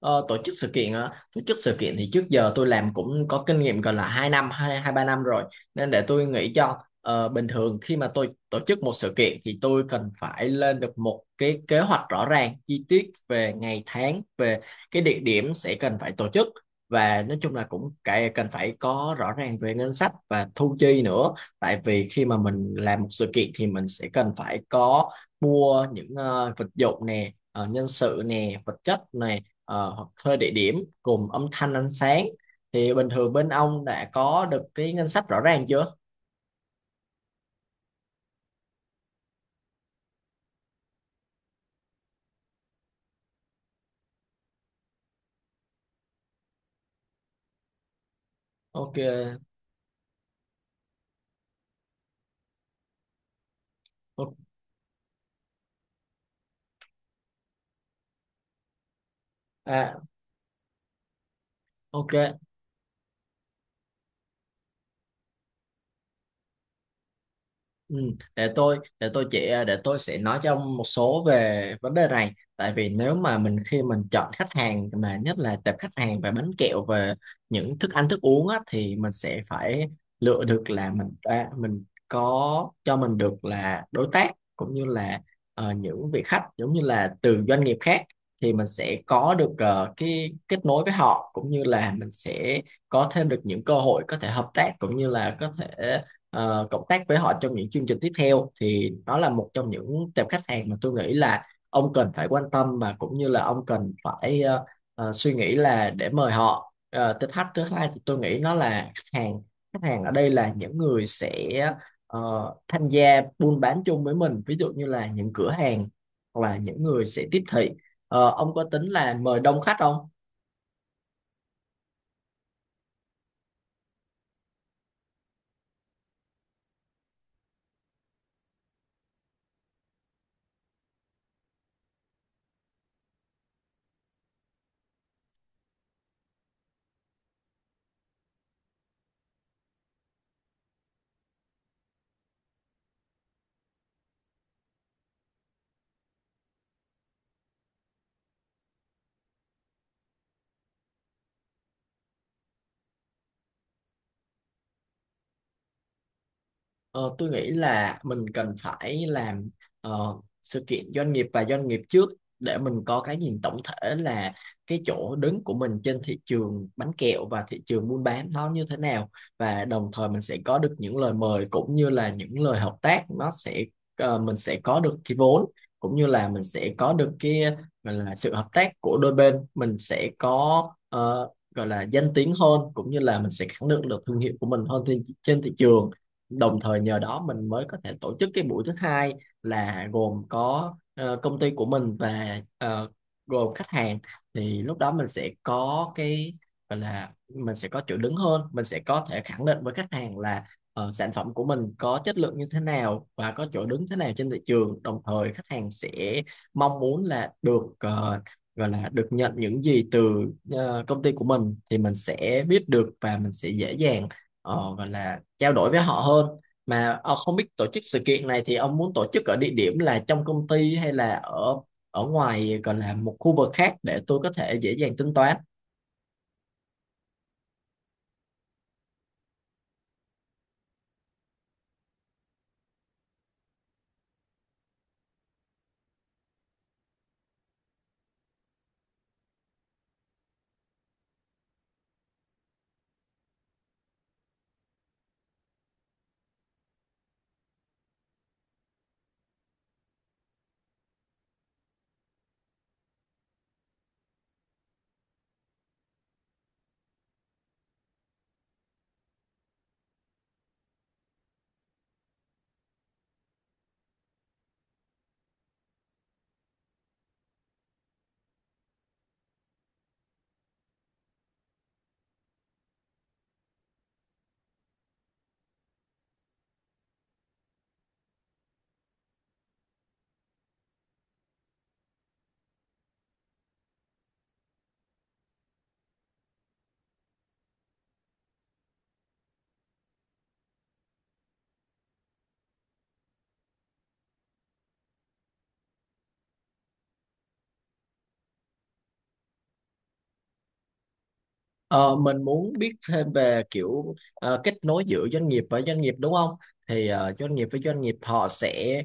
Ờ, tổ chức sự kiện á, tổ chức sự kiện thì trước giờ tôi làm cũng có kinh nghiệm gần là 2 năm, 2 2 3 năm rồi. Nên để tôi nghĩ cho. Ờ, Bình thường khi mà tôi tổ chức một sự kiện thì tôi cần phải lên được một cái kế hoạch rõ ràng, chi tiết về ngày tháng, về cái địa điểm sẽ cần phải tổ chức, và nói chung là cũng cái cần phải có rõ ràng về ngân sách và thu chi nữa. Tại vì khi mà mình làm một sự kiện thì mình sẽ cần phải có mua những vật dụng nè, nhân sự nè, vật chất nè, hoặc thuê địa điểm, cùng âm thanh ánh sáng, thì bình thường bên ông đã có được cái ngân sách rõ ràng chưa? Ok. o- à, ok. Ừ, để tôi sẽ nói cho ông một số về vấn đề này. Tại vì nếu mà mình khi mình chọn khách hàng mà nhất là tệp khách hàng về bánh kẹo, về những thức ăn thức uống á, thì mình sẽ phải lựa được là mình có cho mình được là đối tác, cũng như là những vị khách giống như là từ doanh nghiệp khác, thì mình sẽ có được cái kết nối với họ, cũng như là mình sẽ có thêm được những cơ hội có thể hợp tác, cũng như là có thể cộng tác với họ trong những chương trình tiếp theo. Thì đó là một trong những tệp khách hàng mà tôi nghĩ là ông cần phải quan tâm, và cũng như là ông cần phải suy nghĩ là để mời họ. Ờ, tệp khách thứ hai thì tôi nghĩ nó là khách hàng. Khách hàng ở đây là những người sẽ ờ, tham gia buôn bán chung với mình, ví dụ như là những cửa hàng, hoặc là những người sẽ tiếp thị. Ờ, ông có tính là mời đông khách không? Ờ, tôi nghĩ là mình cần phải làm ờ, sự kiện doanh nghiệp và doanh nghiệp trước, để mình có cái nhìn tổng thể là cái chỗ đứng của mình trên thị trường bánh kẹo và thị trường buôn bán nó như thế nào, và đồng thời mình sẽ có được những lời mời cũng như là những lời hợp tác. Nó sẽ mình sẽ có được cái vốn, cũng như là mình sẽ có được cái gọi là sự hợp tác của đôi bên. Mình sẽ có ờ, gọi là danh tiếng hơn, cũng như là mình sẽ khẳng định được thương hiệu của mình hơn trên thị trường. Đồng thời nhờ đó mình mới có thể tổ chức cái buổi thứ hai, là gồm có công ty của mình và gồm khách hàng. Thì lúc đó mình sẽ có cái gọi là mình sẽ có chỗ đứng hơn, mình sẽ có thể khẳng định với khách hàng là sản phẩm của mình có chất lượng như thế nào và có chỗ đứng thế nào trên thị trường. Đồng thời khách hàng sẽ mong muốn là được gọi là được nhận những gì từ công ty của mình, thì mình sẽ biết được và mình sẽ dễ dàng và là trao đổi với họ hơn. Mà không biết tổ chức sự kiện này thì ông muốn tổ chức ở địa điểm là trong công ty, hay là ở ở ngoài, còn là một khu vực khác, để tôi có thể dễ dàng tính toán. Ờ, mình muốn biết thêm về kiểu kết nối giữa doanh nghiệp và doanh nghiệp đúng không? Thì doanh nghiệp với doanh nghiệp họ sẽ,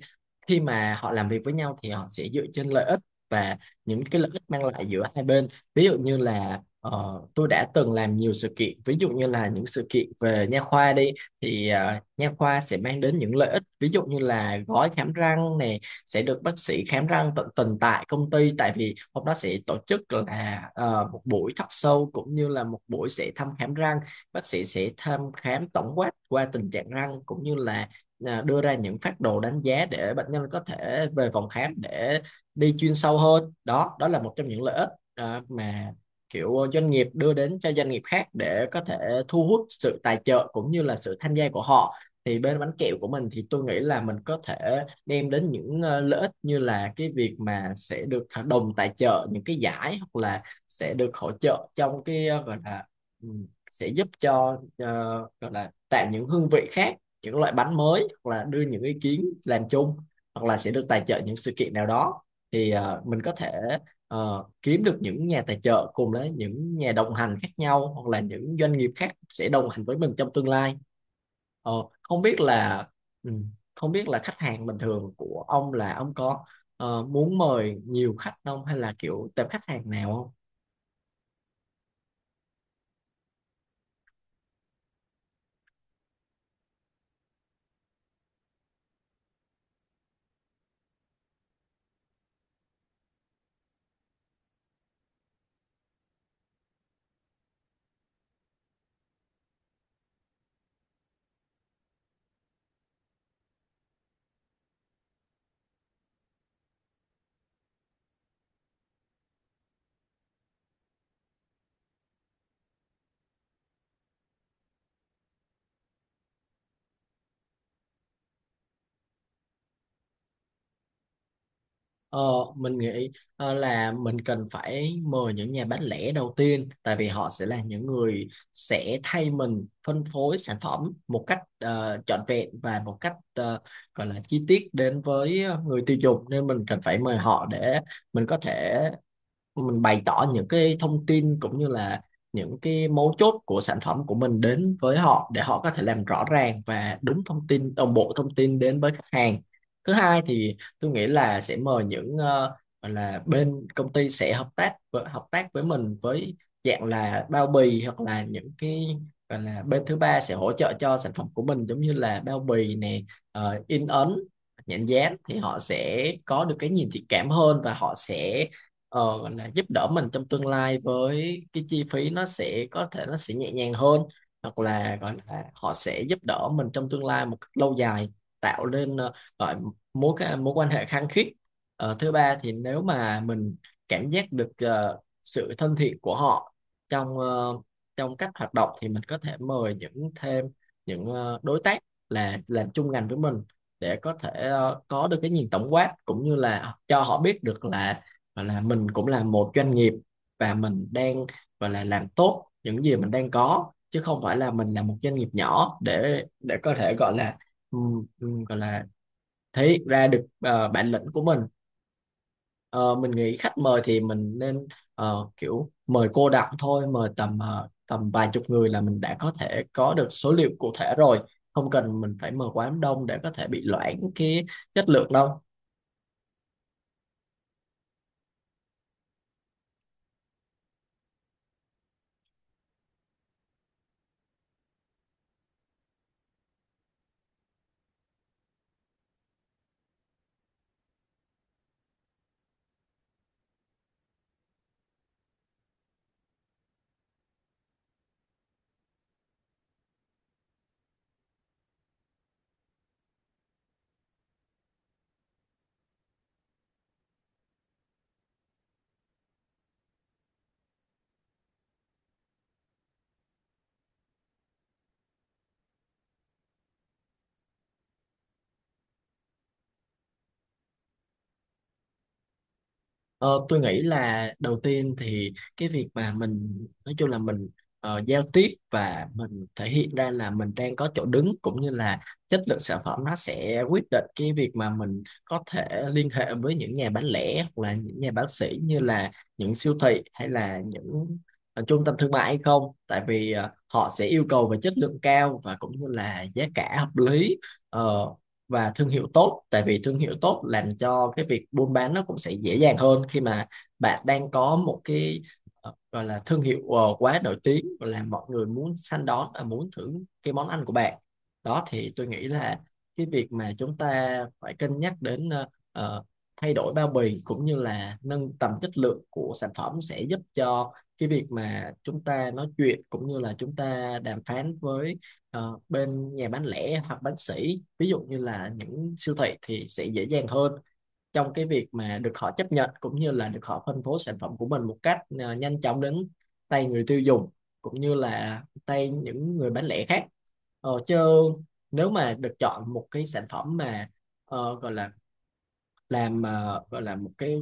khi mà họ làm việc với nhau thì họ sẽ dựa trên lợi ích, và những cái lợi ích mang lại giữa hai bên. Ví dụ như là tôi đã từng làm nhiều sự kiện, ví dụ như là những sự kiện về nha khoa đi, thì nha khoa sẽ mang đến những lợi ích, ví dụ như là gói khám răng nè, sẽ được bác sĩ khám răng tận tình tại công ty, tại vì hôm đó sẽ tổ chức là một buổi talk show cũng như là một buổi sẽ thăm khám răng. Bác sĩ sẽ thăm khám tổng quát qua tình trạng răng, cũng như là đưa ra những phác đồ đánh giá để bệnh nhân có thể về phòng khám để đi chuyên sâu hơn. Đó đó là một trong những lợi ích. À, mà kiểu doanh nghiệp đưa đến cho doanh nghiệp khác để có thể thu hút sự tài trợ cũng như là sự tham gia của họ. Thì bên bánh kẹo của mình thì tôi nghĩ là mình có thể đem đến những lợi ích, như là cái việc mà sẽ được đồng tài trợ những cái giải, hoặc là sẽ được hỗ trợ trong cái ừ, sẽ giúp cho gọi là tạo những hương vị khác, những loại bánh mới, hoặc là đưa những ý kiến làm chung, hoặc là sẽ được tài trợ những sự kiện nào đó. Thì mình có thể kiếm được những nhà tài trợ cùng với những nhà đồng hành khác nhau, hoặc là những doanh nghiệp khác sẽ đồng hành với mình trong tương lai. Ờ, không biết là ừ, khách hàng bình thường của ông là ông có muốn mời nhiều khách không, hay là kiểu tệp khách hàng nào không? Ờ, mình nghĩ là mình cần phải mời những nhà bán lẻ đầu tiên, tại vì họ sẽ là những người sẽ thay mình phân phối sản phẩm một cách trọn vẹn, và một cách gọi là chi tiết đến với người tiêu dùng, nên mình cần phải mời họ để mình có thể, mình bày tỏ những cái thông tin cũng như là những cái mấu chốt của sản phẩm của mình đến với họ, để họ có thể làm rõ ràng và đúng thông tin, đồng bộ thông tin đến với khách hàng. Thứ hai thì tôi nghĩ là sẽ mời những gọi là bên công ty sẽ hợp tác với mình với dạng là bao bì, hoặc là những cái gọi là bên thứ ba sẽ hỗ trợ cho sản phẩm của mình, giống như là bao bì nè, in ấn, nhãn dán, thì họ sẽ có được cái nhìn thiện cảm hơn, và họ sẽ gọi là giúp đỡ mình trong tương lai với cái chi phí nó sẽ có thể, nó sẽ nhẹ nhàng hơn, hoặc là gọi là họ sẽ giúp đỡ mình trong tương lai một cách lâu dài, tạo nên gọi mối quan hệ khăng khít. Ờ, thứ ba thì nếu mà mình cảm giác được sự thân thiện của họ trong trong cách hoạt động, thì mình có thể mời những thêm những đối tác là làm chung ngành với mình, để có thể có được cái nhìn tổng quát cũng như là cho họ biết được là và là mình cũng là một doanh nghiệp, và mình đang và là làm tốt những gì mình đang có, chứ không phải là mình là một doanh nghiệp nhỏ, để có thể gọi là thể hiện ra được bản lĩnh của mình. Ờ, mình nghĩ khách mời thì mình nên kiểu mời cô đọng thôi, mời tầm tầm vài chục người là mình đã có thể có được số liệu cụ thể rồi, không cần mình phải mời quá đông để có thể bị loãng cái chất lượng đâu. Ờ, tôi nghĩ là đầu tiên thì cái việc mà mình nói chung là mình giao tiếp và mình thể hiện ra là mình đang có chỗ đứng, cũng như là chất lượng sản phẩm, nó sẽ quyết định cái việc mà mình có thể liên hệ với những nhà bán lẻ hoặc là những nhà bán sỉ, như là những siêu thị hay là những trung tâm thương mại hay không. Tại vì họ sẽ yêu cầu về chất lượng cao, và cũng như là giá cả hợp lý. Ờ, và thương hiệu tốt, tại vì thương hiệu tốt làm cho cái việc buôn bán nó cũng sẽ dễ dàng hơn, khi mà bạn đang có một cái gọi là thương hiệu quá nổi tiếng và làm mọi người muốn săn đón và muốn thử cái món ăn của bạn. Đó thì tôi nghĩ là cái việc mà chúng ta phải cân nhắc đến thay đổi bao bì cũng như là nâng tầm chất lượng của sản phẩm, sẽ giúp cho cái việc mà chúng ta nói chuyện cũng như là chúng ta đàm phán với. Ờ, bên nhà bán lẻ hoặc bán sỉ, ví dụ như là những siêu thị, thì sẽ dễ dàng hơn trong cái việc mà được họ chấp nhận, cũng như là được họ phân phối sản phẩm của mình một cách nhanh chóng đến tay người tiêu dùng, cũng như là tay những người bán lẻ khác. Chứ nếu mà được chọn một cái sản phẩm mà gọi là làm gọi là một cái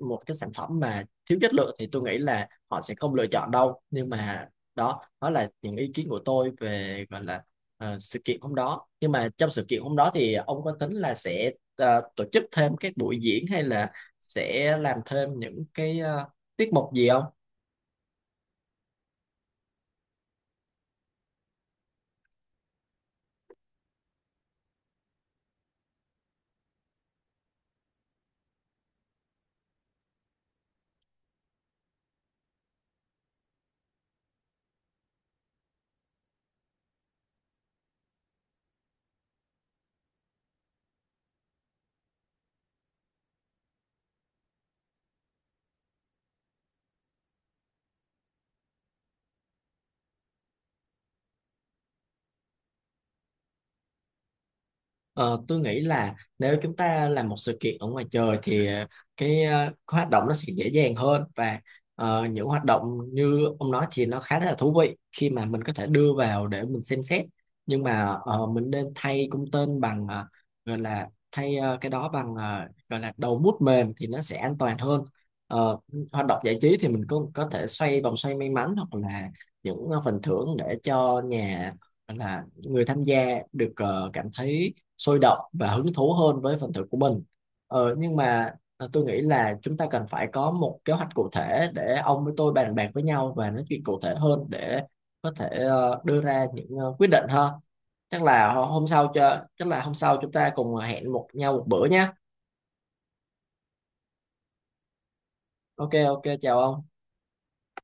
một cái sản phẩm mà thiếu chất lượng, thì tôi nghĩ là họ sẽ không lựa chọn đâu. Nhưng mà đó đó là những ý kiến của tôi về gọi là sự kiện hôm đó. Nhưng mà trong sự kiện hôm đó thì ông có tính là sẽ tổ chức thêm các buổi diễn hay là sẽ làm thêm những cái tiết mục gì không? Ờ, tôi nghĩ là nếu chúng ta làm một sự kiện ở ngoài trời thì cái hoạt động nó sẽ dễ dàng hơn, và những hoạt động như ông nói thì nó khá là thú vị khi mà mình có thể đưa vào để mình xem xét. Nhưng mà mình nên thay cung tên bằng ờ, gọi là thay ờ, cái đó bằng ờ, gọi là đầu mút mềm, thì nó sẽ an toàn hơn. Ờ, hoạt động giải trí thì mình cũng có thể xoay vòng xoay may mắn, hoặc là những phần thưởng để cho nhà gọi là người tham gia được cảm thấy sôi động và hứng thú hơn với phần thưởng của mình. Nhưng mà tôi nghĩ là chúng ta cần phải có một kế hoạch cụ thể, để ông với tôi bàn bạc với nhau và nói chuyện cụ thể hơn, để có thể đưa ra những quyết định ha. Chắc là hôm sau chúng ta cùng hẹn một nhau một bữa nhé. Ok. Ok, chào ông.